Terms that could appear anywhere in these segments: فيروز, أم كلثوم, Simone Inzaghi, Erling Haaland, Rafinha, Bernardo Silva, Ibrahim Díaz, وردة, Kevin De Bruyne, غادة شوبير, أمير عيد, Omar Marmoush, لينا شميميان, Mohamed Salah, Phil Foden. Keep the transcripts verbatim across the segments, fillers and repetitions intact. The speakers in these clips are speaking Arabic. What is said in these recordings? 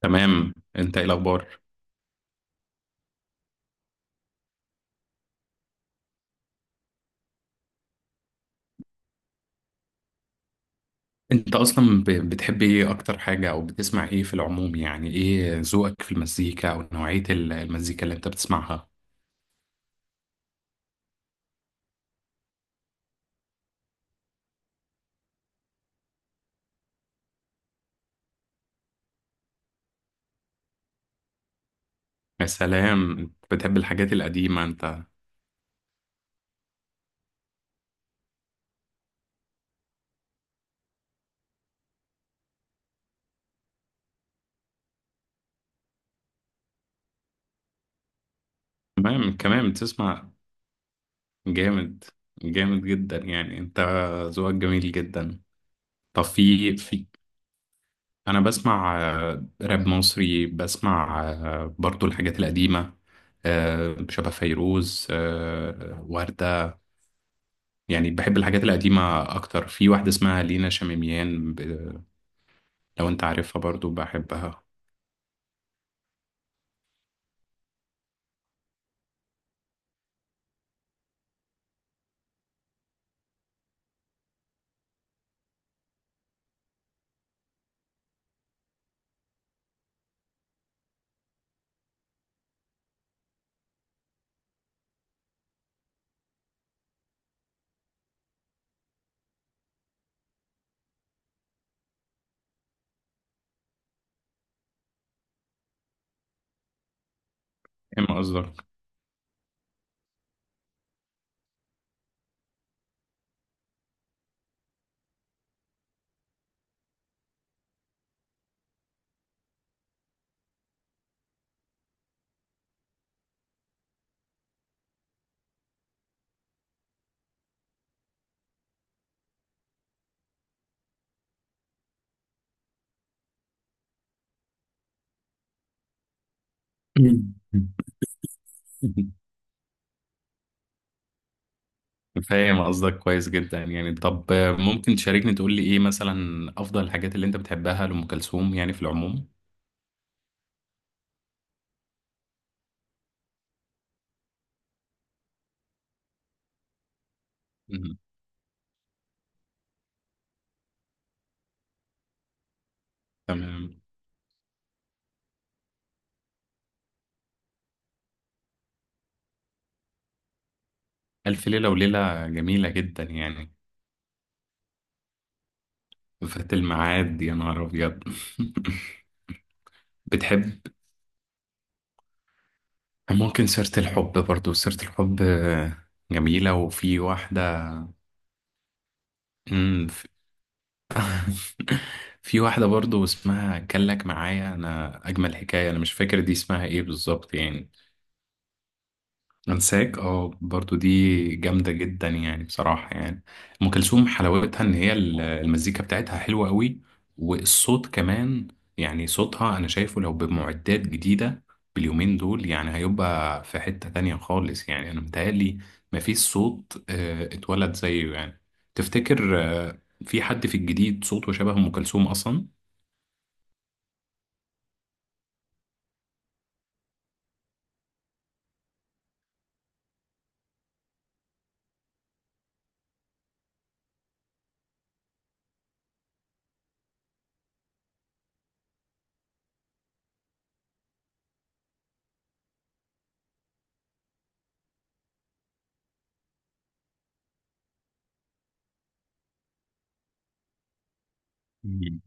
تمام، انت ايه الاخبار؟ انت اصلا ب- بتحب ايه اكتر حاجة او بتسمع ايه في العموم؟ يعني ايه ذوقك في المزيكا او نوعية ال- المزيكا اللي انت بتسمعها؟ يا سلام، انت بتحب الحاجات القديمة انت. تمام، كمان بتسمع. جامد، جامد جدا يعني انت ذوقك جميل جدا. طب، في في انا بسمع آه، راب مصري، بسمع آه، برضو الحاجات القديمة، آه، شبه فيروز، آه، وردة. يعني بحب الحاجات القديمة أكتر. في واحدة اسمها لينا شميميان ب... لو أنت عارفها برضو بحبها. فاهم قصدك. فاهم قصدك كويس جدا. يعني طب، ممكن تشاركني تقول لي إيه مثلا أفضل الحاجات اللي أنت بتحبها لأم كلثوم يعني في العموم؟ مم. تمام. ألف ليلة وليلة جميلة جدا يعني. فات الميعاد، يا نهار أبيض! بتحب، ممكن سيرة الحب، برضو سيرة الحب جميلة. وفي واحدة في واحدة برضو اسمها كان لك معايا، أنا أجمل حكاية، أنا مش فاكر دي اسمها إيه بالظبط يعني. أنساك، أه، برضو دي جامدة جدا يعني بصراحة يعني. أم كلثوم حلاوتها إن هي ال- المزيكا بتاعتها حلوة قوي، والصوت كمان. يعني صوتها أنا شايفه لو بمعدات جديدة باليومين دول يعني هيبقى في حتة تانية خالص يعني، أنا متهيألي مفيش صوت آه، اتولد زيه يعني. تفتكر آه، في حد في الجديد صوته شبه أم كلثوم أصلا؟ مم.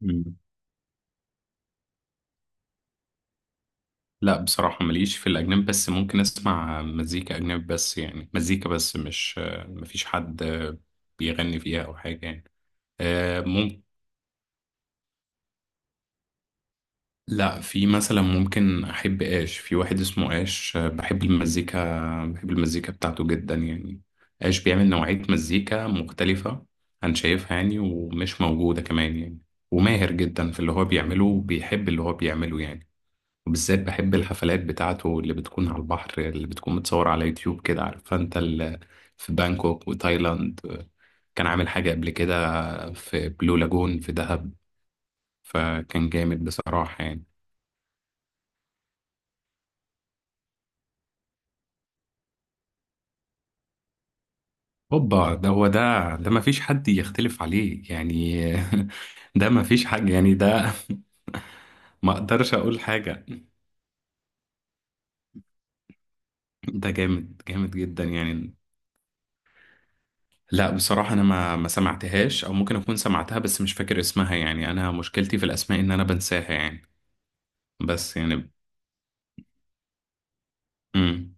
مم. لا بصراحة ماليش في الأجنبي، بس ممكن أسمع مزيكا أجنبي، بس يعني مزيكا بس، مش مفيش حد بيغني فيها أو حاجة يعني. آه، مم... لا، في مثلا ممكن أحب آش. في واحد اسمه آش، آه، بحب المزيكا، بحب المزيكا بتاعته جدا يعني. آش بيعمل نوعية مزيكا مختلفة عن شايفها يعني، ومش موجودة كمان يعني. وماهر جدا في اللي هو بيعمله، وبيحب اللي هو بيعمله يعني. وبالذات بحب الحفلات بتاعته اللي بتكون على البحر، اللي بتكون متصورة على يوتيوب كده، عارف انت ال- في بانكوك وتايلاند كان عامل حاجة قبل كده، في بلو لاجون في دهب. فكان جامد بصراحة يعني. هوبا، ده هو ده، ده ما فيش حد يختلف عليه يعني. ده ما فيش حاجة يعني ده. ما اقدرش اقول حاجة، ده جامد، جامد جدا يعني. لا بصراحة أنا ما ما سمعتهاش، أو ممكن أكون سمعتها بس مش فاكر اسمها يعني. أنا مشكلتي في الأسماء إن أنا بنساها يعني. بس يعني. امم.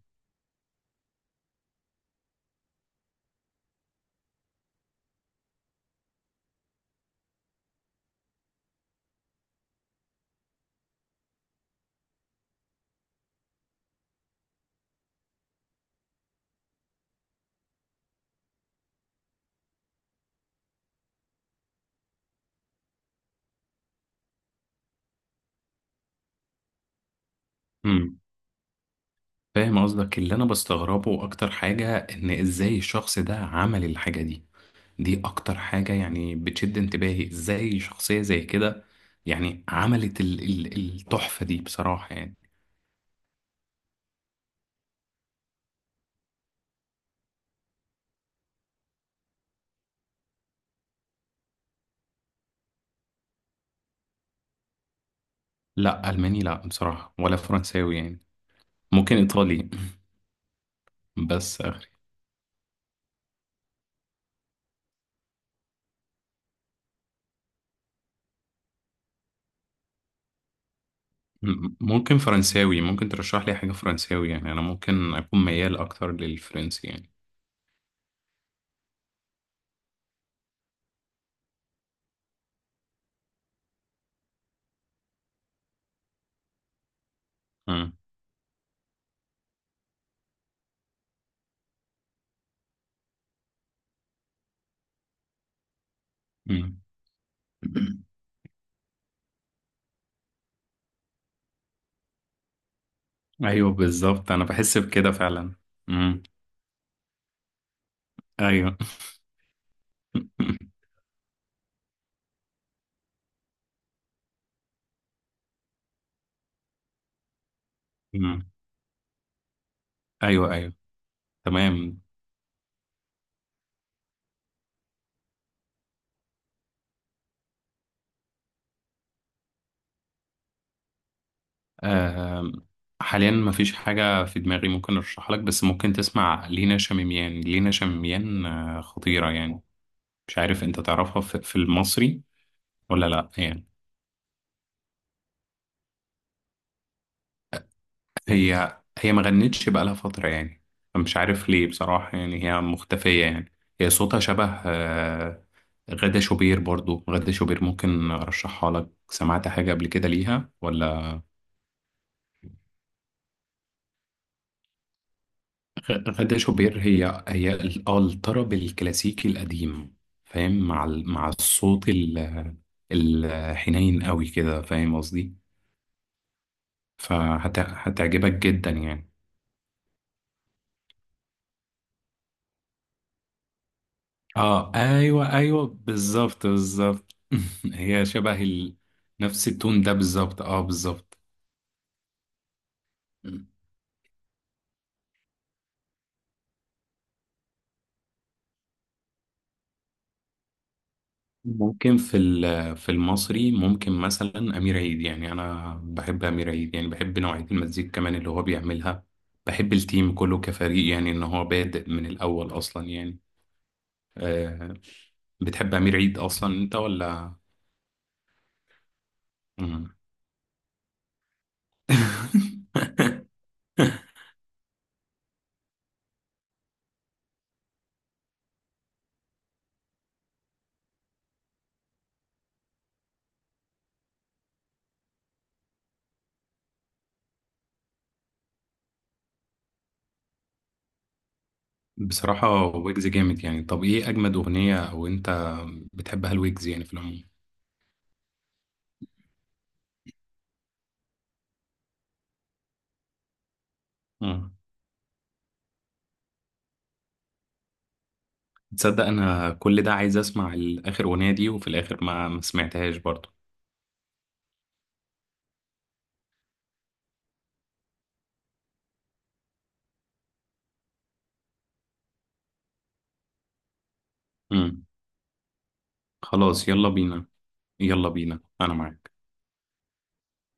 امم. فاهم قصدك. اللي انا بستغربه اكتر حاجة ان ازاي الشخص ده عمل الحاجة دي. دي اكتر حاجة يعني بتشد انتباهي، ازاي شخصية زي كده يعني عملت ال ال التحفة دي بصراحة يعني. لا الماني لا بصراحة، ولا فرنساوي يعني. ممكن ايطالي، بس اخري. م- ممكن فرنساوي، ممكن ترشح لي حاجة فرنساوي يعني، انا ممكن اكون ميال اكتر للفرنسي يعني. امم. امم. ايوه بالظبط، انا بحس بكده فعلا. امم. ايوه. امم. ايوه، ايوه. تمام. آم، حاليا مفيش حاجه في دماغي ممكن ارشحها لك، بس ممكن تسمع لينا شميميان. لينا شميميان آه، خطيره يعني. مش عارف انت تعرفها في في المصري ولا لا يعني. هي هي ما غنتش بقالها فتره يعني. مش عارف ليه بصراحه يعني، هي مختفيه يعني. هي صوتها شبه آه، غادة شوبير. برضو غادة شوبير ممكن أرشحها لك، سمعت حاجة قبل كده ليها ولا؟ غ- غادة شوبير هي هي ال- آه الطرب الكلاسيكي القديم، فاهم؟ مع ال... مع الصوت ال... الحنين قوي كده، فاهم قصدي؟ فهتعجبك جدا يعني. اه ايوه، ايوه بالظبط، بالظبط. هي شبه ال... نفس التون ده بالظبط، اه بالظبط. ممكن في ال- في المصري ممكن مثلا أمير عيد. يعني أنا بحب أمير عيد، يعني بحب نوعية المزيكا كمان اللي هو بيعملها. بحب التيم كله كفريق، يعني إن هو بادئ من الأول أصلا يعني. أه. بتحب أمير عيد أصلا أنت ولا؟ مم. بصراحة ويجز جامد يعني. طب إيه أجمد أغنية أو أنت بتحبها الويجز يعني في العموم؟ مم. تصدق أنا كل ده عايز أسمع الآخر أغنية دي، وفي الآخر ما ما سمعتهاش برضه. خلاص يلا بينا. يلا بينا. انا معاك.